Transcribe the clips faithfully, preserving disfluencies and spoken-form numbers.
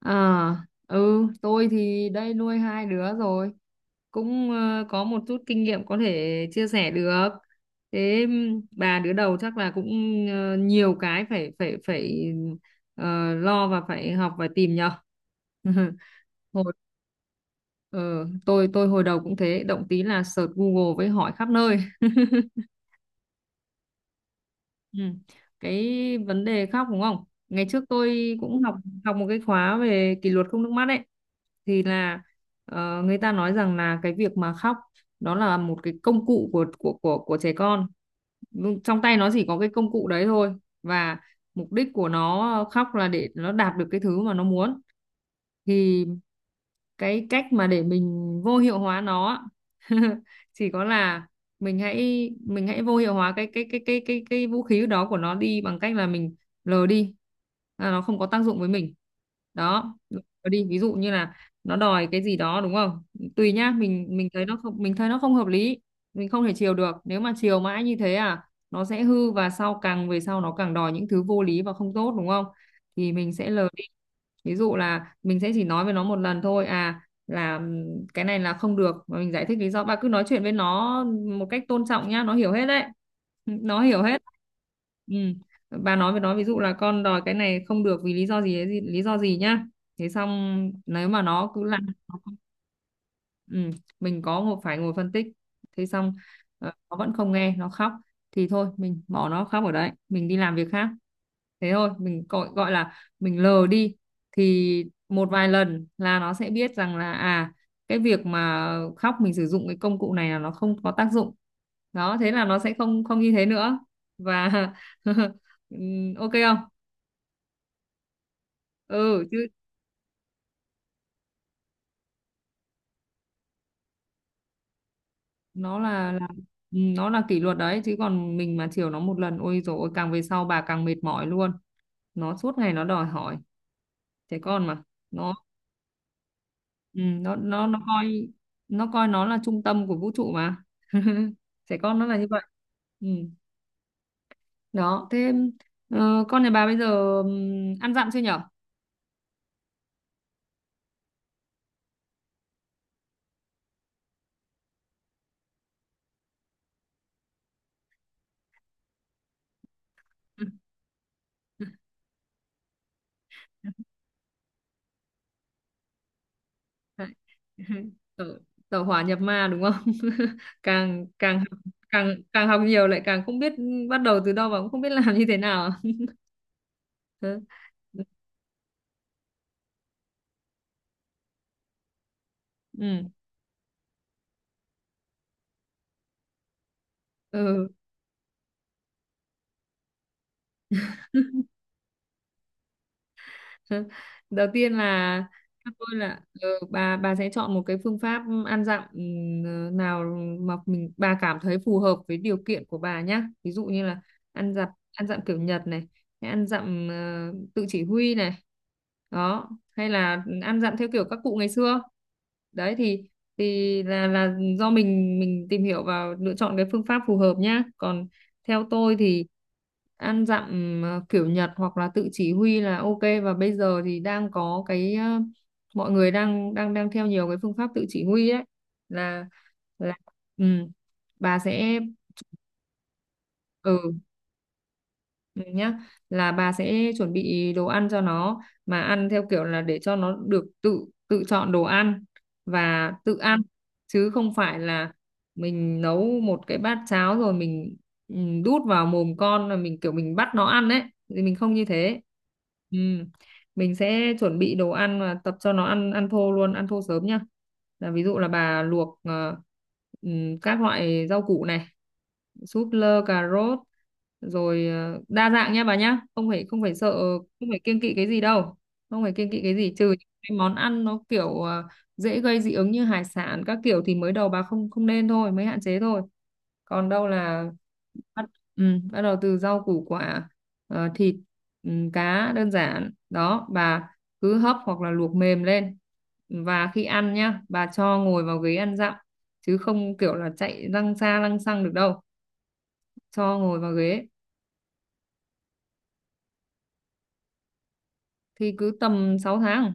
À, ừ, tôi thì đây nuôi hai đứa rồi, cũng ờ, có một chút kinh nghiệm có thể chia sẻ được. Thế ừm, bà đứa đầu chắc là cũng ờ, nhiều cái phải phải phải ờ, lo và phải học và tìm nhờ. Hồi ờ, tôi tôi hồi đầu cũng thế, động tí là search Google với hỏi khắp nơi. Ừ. Cái vấn đề khóc đúng không? Ngày trước tôi cũng học học một cái khóa về kỷ luật không nước mắt ấy, thì là ờ, người ta nói rằng là cái việc mà khóc đó là một cái công cụ của của của của trẻ con. Nhưng trong tay nó chỉ có cái công cụ đấy thôi, và mục đích của nó khóc là để nó đạt được cái thứ mà nó muốn. Thì cái cách mà để mình vô hiệu hóa nó á, chỉ có là mình hãy mình hãy vô hiệu hóa cái cái cái cái cái cái vũ khí đó của nó đi, bằng cách là mình lờ đi, là nó không có tác dụng với mình. Đó, lờ đi. Ví dụ như là nó đòi cái gì đó đúng không, tùy nhá, mình mình thấy nó không mình thấy nó không hợp lý, mình không thể chiều được, nếu mà chiều mãi như thế à, nó sẽ hư và sau càng về sau nó càng đòi những thứ vô lý và không tốt đúng không, thì mình sẽ lờ đi. Ví dụ là mình sẽ chỉ nói với nó một lần thôi à, là cái này là không được và mình giải thích lý do. Bà cứ nói chuyện với nó một cách tôn trọng nhá, nó hiểu hết đấy. Nó hiểu hết. Ừ. Bà nói với nó ví dụ là con đòi cái này không được vì lý do gì gì- lý do gì nhá. Thế xong nếu mà nó cứ làm. Ừ. Mình có ngồi phải ngồi phân tích. Thế xong ờ, nó vẫn không nghe, nó khóc, thì thôi mình bỏ nó khóc ở đấy, mình đi làm việc khác. Thế thôi mình gọi gọi là mình lờ đi. Thì một vài lần là nó sẽ biết rằng là à, cái việc mà khóc, mình sử dụng cái công cụ này là nó không có tác dụng. Đó thế là nó sẽ không không như thế nữa. Và ừm, ok không. Ừ chứ. Nó là là ừm, nó là kỷ luật đấy chứ, còn mình mà chiều nó một lần ôi rồi ôi, càng về sau bà càng mệt mỏi luôn, nó suốt ngày nó đòi hỏi, trẻ con mà. Nó ừm, nó nó nó coi nó coi nó là trung tâm của vũ trụ mà. Trẻ con nó là như vậy. Ừ. Đó thế ờ, con nhà bà bây giờ ừm, ăn dặm chưa nhở. Ừ. Đấy. Tẩu, tẩu hỏa nhập ma đúng không? Càng càng học- càng càng học nhiều lại càng không biết bắt đầu từ đâu và cũng không biết làm như thế nào. Ừ. Ừ. Đầu tiên là theo tôi là ờ, bà bà sẽ chọn một cái phương pháp ăn dặm ừm, nào mà mình bà cảm thấy phù hợp với điều kiện của bà nhá, ví dụ như là ăn dặm ăn dặm kiểu Nhật này, hay ăn dặm ờ, tự chỉ huy này, đó hay là ăn dặm theo kiểu các cụ ngày xưa đấy. Thì thì là là do mình mình tìm hiểu và lựa chọn cái phương pháp phù hợp nhá. Còn theo tôi thì ăn dặm ờ, kiểu Nhật hoặc là tự chỉ huy là ok, và bây giờ thì đang có cái ờ, mọi người đang đang đang theo nhiều cái phương pháp tự chỉ huy ấy, là là ừ, bà sẽ ừ. Ừ nhá, là bà sẽ chuẩn bị đồ ăn cho nó, mà ăn theo kiểu là để cho nó được tự tự chọn đồ ăn và tự ăn, chứ không phải là mình nấu một cái bát cháo rồi mình ừ, đút vào mồm con, là mình kiểu mình bắt nó ăn ấy, thì mình không như thế. Ừ. Mình sẽ chuẩn bị đồ ăn và tập cho nó ăn ăn thô luôn, ăn thô sớm nhá. Là ví dụ là bà luộc ờ, ừ, các loại rau củ này, súp lơ, cà rốt, rồi ờ, đa dạng nha bà nhá, không phải không phải sợ, không phải kiêng kỵ cái gì đâu, không phải kiêng kỵ cái gì, trừ những cái món ăn nó kiểu ờ, dễ gây dị ứng như hải sản các kiểu thì mới đầu bà không không nên, thôi mới hạn chế thôi. Còn đâu là bắt ừ, bắt đầu từ rau củ quả, ờ, thịt, ừ, cá đơn giản đó bà, cứ hấp hoặc là luộc mềm lên, và khi ăn nhá bà cho ngồi vào ghế ăn dặm, chứ không kiểu là chạy lăng xa lăng xăng được đâu, cho ngồi vào ghế. Thì cứ tầm sáu tháng,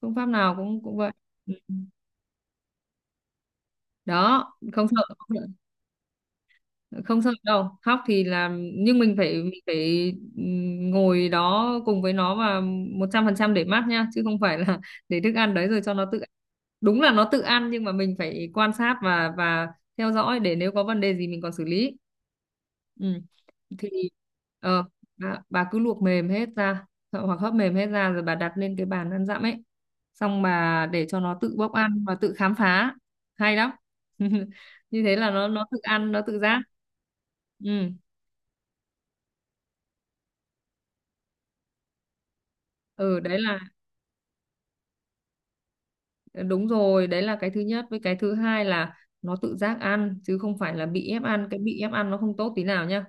phương pháp nào cũng cũng vậy. Ừ. Ừ. Đó, không sợ, không sợ đâu khóc thì là, nhưng mình phải mình phải ừm, ngồi đó cùng với nó và một trăm phần trăm để mát nha, chứ không phải là để thức ăn đấy rồi cho nó tự ăn. Đúng là nó tự ăn nhưng mà mình phải quan sát và và theo dõi, để nếu có vấn đề gì mình còn xử lý. Ừ. Thì ờ, bà, bà cứ luộc mềm hết ra hoặc hấp mềm hết ra, rồi bà đặt lên cái bàn ăn dặm ấy, xong bà để cho nó tự bốc ăn và tự khám phá. Hay lắm. Như thế là nó nó tự ăn, nó tự giác. ừ ừ đấy là đúng rồi, đấy là cái thứ nhất. Với cái thứ hai là nó tự giác ăn, chứ không phải là bị ép ăn. Cái bị ép ăn nó không tốt tí nào nhá,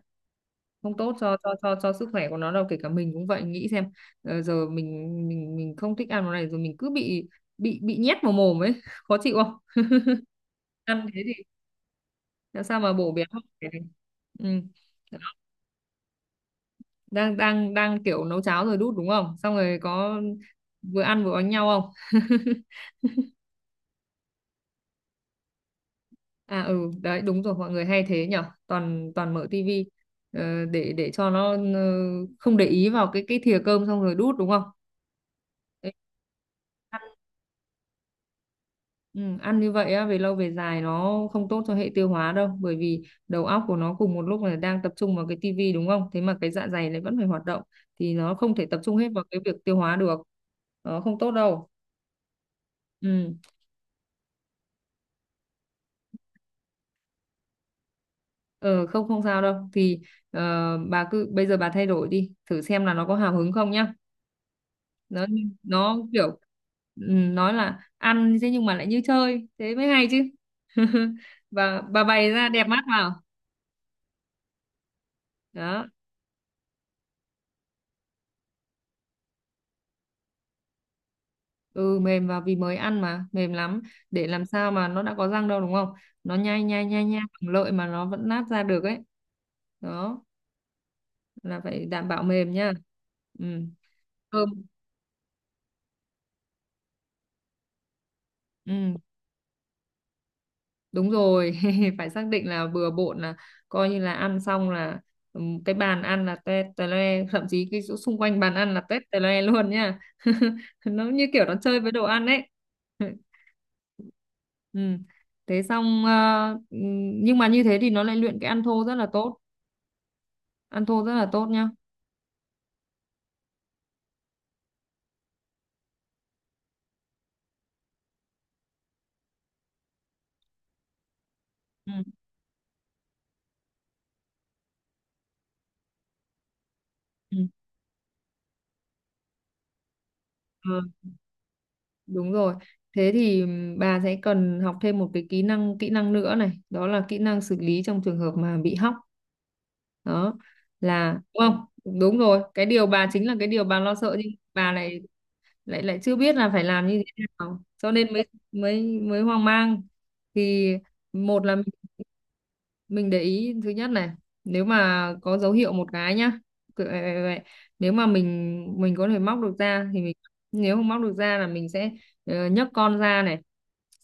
không tốt cho cho cho cho sức khỏe của nó đâu, kể cả mình cũng vậy, nghĩ xem ờ, giờ mình mình mình không thích ăn món này, rồi mình cứ bị bị bị nhét vào mồm ấy, khó chịu không. Ăn thế thì làm sao mà bổ béo được. Ừ. Đó. Đang đang đang kiểu nấu cháo rồi đút đúng không, xong rồi có vừa ăn vừa đánh nhau không. À ừ, đấy đúng rồi, mọi người hay thế nhở, toàn toàn mở tivi ờ, để để cho nó ờ, không để ý vào cái cái thìa cơm xong rồi đút đúng không? Đấy, ăn, ừ, ăn như vậy á, về lâu về dài nó không tốt cho hệ tiêu hóa đâu, bởi vì đầu óc của nó cùng một lúc là đang tập trung vào cái tivi đúng không? Thế mà cái dạ dày lại vẫn phải hoạt động, thì nó không thể tập trung hết vào cái việc tiêu hóa được. Nó không tốt đâu. Ừ. Ờ, không không sao đâu. Thì ờ, bà cứ bây giờ bà thay đổi đi, thử xem là nó có hào hứng không nhá. nó nó kiểu ừ, nói là ăn thế nhưng mà lại như chơi, thế mới hay chứ. Và bà bày ra đẹp mắt vào. Đó. Ừ, mềm vào, vì mới ăn mà mềm lắm, để làm sao mà nó đã có răng đâu đúng không, nó nhai nhai nhai nhai bằng lợi mà nó vẫn nát ra được ấy. Đó, là phải đảm bảo mềm nha. Ừ. Cơm. Ừ. Đúng rồi, phải xác định là bừa bộn, là coi như là ăn xong là ừm, cái bàn ăn là tét tè le, thậm chí cái chỗ xung quanh bàn ăn là tét tè le luôn nha. Nó như kiểu nó chơi với đồ ăn ấy. Ừ. Thế xong ờ, ừm, nhưng mà như thế thì nó lại luyện cái ăn thô rất là tốt, ăn thô rất là tốt nhá. Ừ. Ừ. Đúng rồi. Thế thì bà sẽ cần học thêm một cái kỹ năng kỹ năng nữa này, đó là kỹ năng xử lý trong trường hợp mà bị hóc. Đó là đúng không? Đúng rồi, cái điều bà chính là cái điều bà lo sợ, nhưng bà lại lại lại chưa biết là phải làm như thế nào. Cho nên mới mới mới hoang mang. Thì một là mình để ý thứ nhất này, nếu mà có dấu hiệu một cái nhá, cứ- vậy- vậy- vậy. nếu mà mình mình có thể móc được ra thì mình. Nếu không móc được ra là mình sẽ, ờ, nhấc con ra này.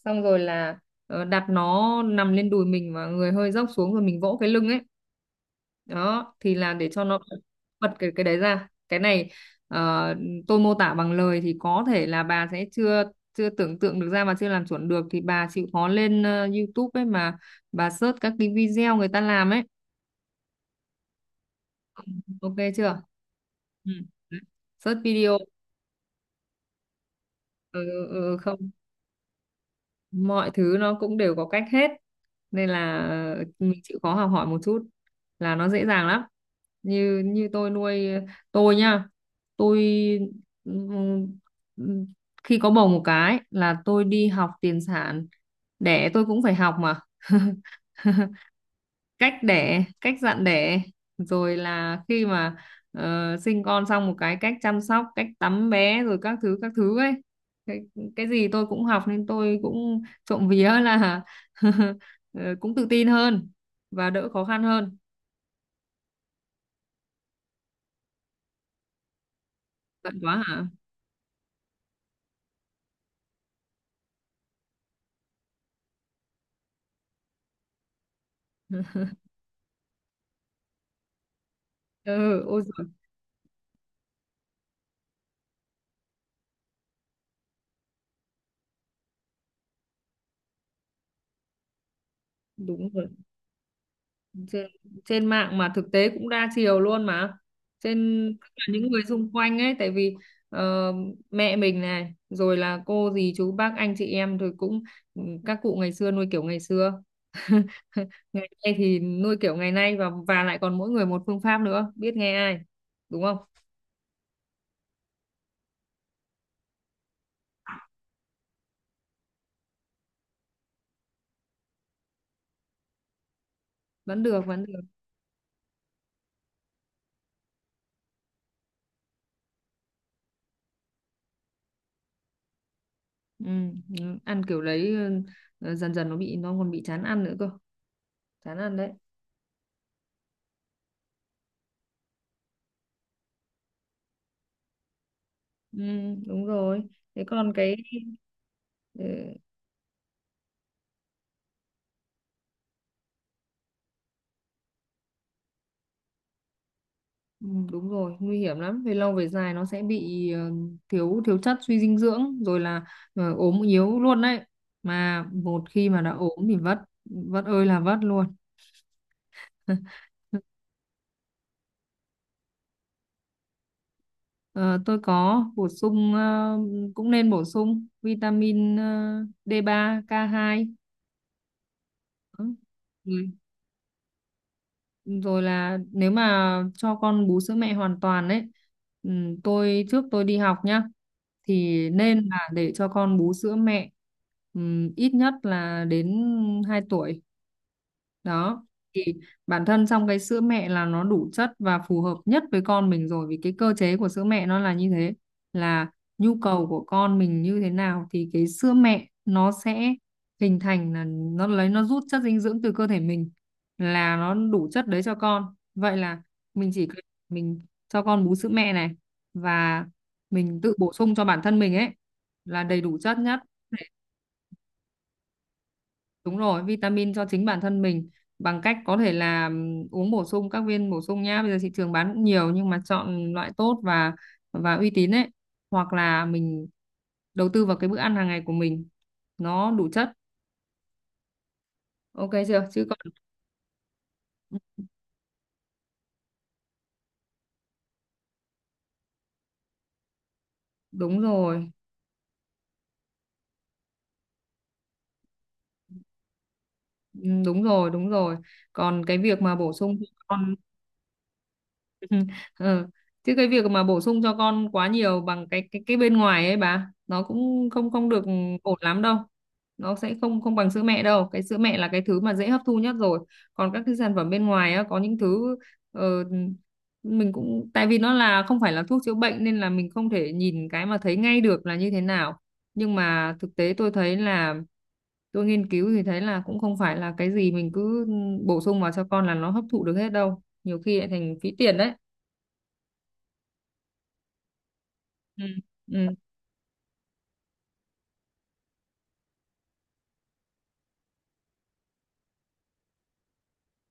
Xong rồi là, ờ, đặt nó nằm lên đùi mình và người hơi dốc xuống, rồi mình vỗ cái lưng ấy. Đó thì là để cho nó bật cái cái đấy ra cái này. ờ, tôi mô tả bằng lời thì có thể là bà sẽ chưa chưa tưởng tượng được ra, mà chưa làm chuẩn được thì bà chịu khó lên, ờ, YouTube ấy mà. Bà search các cái video người ta làm ấy. Ok chưa? Ừ. Search video. Ừ, ừ, ừ, không. Mọi thứ nó cũng đều có cách hết, nên là mình chịu khó học hỏi một chút là nó dễ dàng lắm. Như như tôi nuôi, tôi nhá. Tôi, ừm, ừm, khi có bầu một cái là tôi đi học tiền sản. Đẻ tôi cũng phải học mà. Cách đẻ, cách dặn đẻ, rồi là khi mà, ờ, sinh con xong một cái, cách chăm sóc, cách tắm bé, rồi các thứ các thứ ấy. Cái, cái gì tôi cũng học, nên tôi cũng trộm vía là ờ, cũng tự tin hơn và đỡ khó khăn hơn. Bận quá hả? Ừ, ôi giời. Đúng rồi. Trên trên mạng mà thực tế cũng đa chiều luôn mà. Trên tức là những người xung quanh ấy, tại vì, ờ, mẹ mình này, rồi là cô dì chú bác anh chị em, rồi cũng ừ, các cụ ngày xưa nuôi kiểu ngày xưa. Ngày nay thì nuôi kiểu ngày nay, và và lại còn mỗi người một phương pháp nữa, biết nghe ai, đúng không? Vẫn được, vẫn được. Ừ, ừ, ăn kiểu đấy. Ừ, dần dần nó bị, nó còn bị chán ăn nữa cơ. Chán ăn đấy. Ừ, đúng rồi. Thế còn cái. Ừ. Ừ, đúng rồi, nguy hiểm lắm, về lâu về dài nó sẽ bị, ờ, thiếu thiếu chất, suy dinh dưỡng, rồi là, ờ, ốm yếu luôn đấy. Mà một khi mà đã ốm thì vất, vất ơi là vất luôn. Ờ, tôi có bổ sung, ờ, cũng nên bổ sung vitamin, ờ, d ba k hai. Ừ. Rồi là nếu mà cho con bú sữa mẹ hoàn toàn đấy. Ừ, tôi trước tôi đi học nhá, thì nên là để cho con bú sữa mẹ. Ừ, ít nhất là đến hai tuổi đó. Thì bản thân trong cái sữa mẹ là nó đủ chất và phù hợp nhất với con mình rồi, vì cái cơ chế của sữa mẹ nó là như thế. Là nhu cầu của con mình như thế nào thì cái sữa mẹ nó sẽ hình thành, là nó lấy, nó rút chất dinh dưỡng từ cơ thể mình, là nó đủ chất đấy cho con. Vậy là mình chỉ cần mình cho con bú sữa mẹ này, và mình tự bổ sung cho bản thân mình ấy là đầy đủ chất nhất. Đúng rồi, vitamin cho chính bản thân mình, bằng cách có thể là ừm, uống bổ sung các viên bổ sung nhá. Bây giờ thị trường bán cũng nhiều, nhưng mà chọn loại tốt và và uy tín ấy. Hoặc là mình đầu tư vào cái bữa ăn hàng ngày của mình, nó đủ chất. Ok chưa? Chứ còn đúng rồi, ừm, đúng rồi, đúng rồi. Còn cái việc mà bổ sung cho con. Ừ. Ừ. Chứ cái việc mà bổ sung cho con quá nhiều bằng cái cái cái bên ngoài ấy bà, nó cũng không không được ổn lắm đâu. Nó sẽ không không bằng sữa mẹ đâu. Cái sữa mẹ là cái thứ mà dễ hấp thu nhất rồi. Còn các cái sản phẩm bên ngoài á, có những thứ, ờ, mình cũng, tại vì nó là không phải là thuốc chữa bệnh, nên là mình không thể nhìn cái mà thấy ngay được là như thế nào. Nhưng mà thực tế tôi thấy là tôi nghiên cứu thì thấy là cũng không phải là cái gì mình cứ bổ sung vào cho con là nó hấp thụ được hết đâu, nhiều khi lại thành phí tiền đấy. Ừ. Ừ.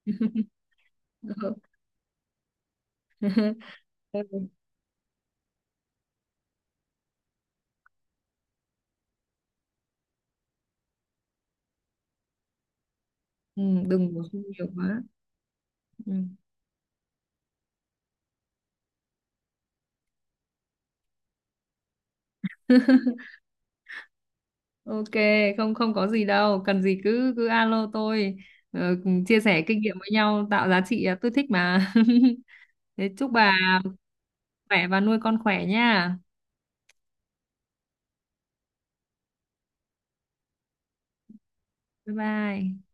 Ừ. Ừ, đừng bổ sung nhiều quá. Ừ. Ok, không không có gì đâu, cần gì cứ cứ alo tôi, ờ, cùng chia sẻ kinh nghiệm với nhau tạo giá trị, à, tôi thích mà. Thế chúc bà khỏe và nuôi con khỏe nha. Bye bye.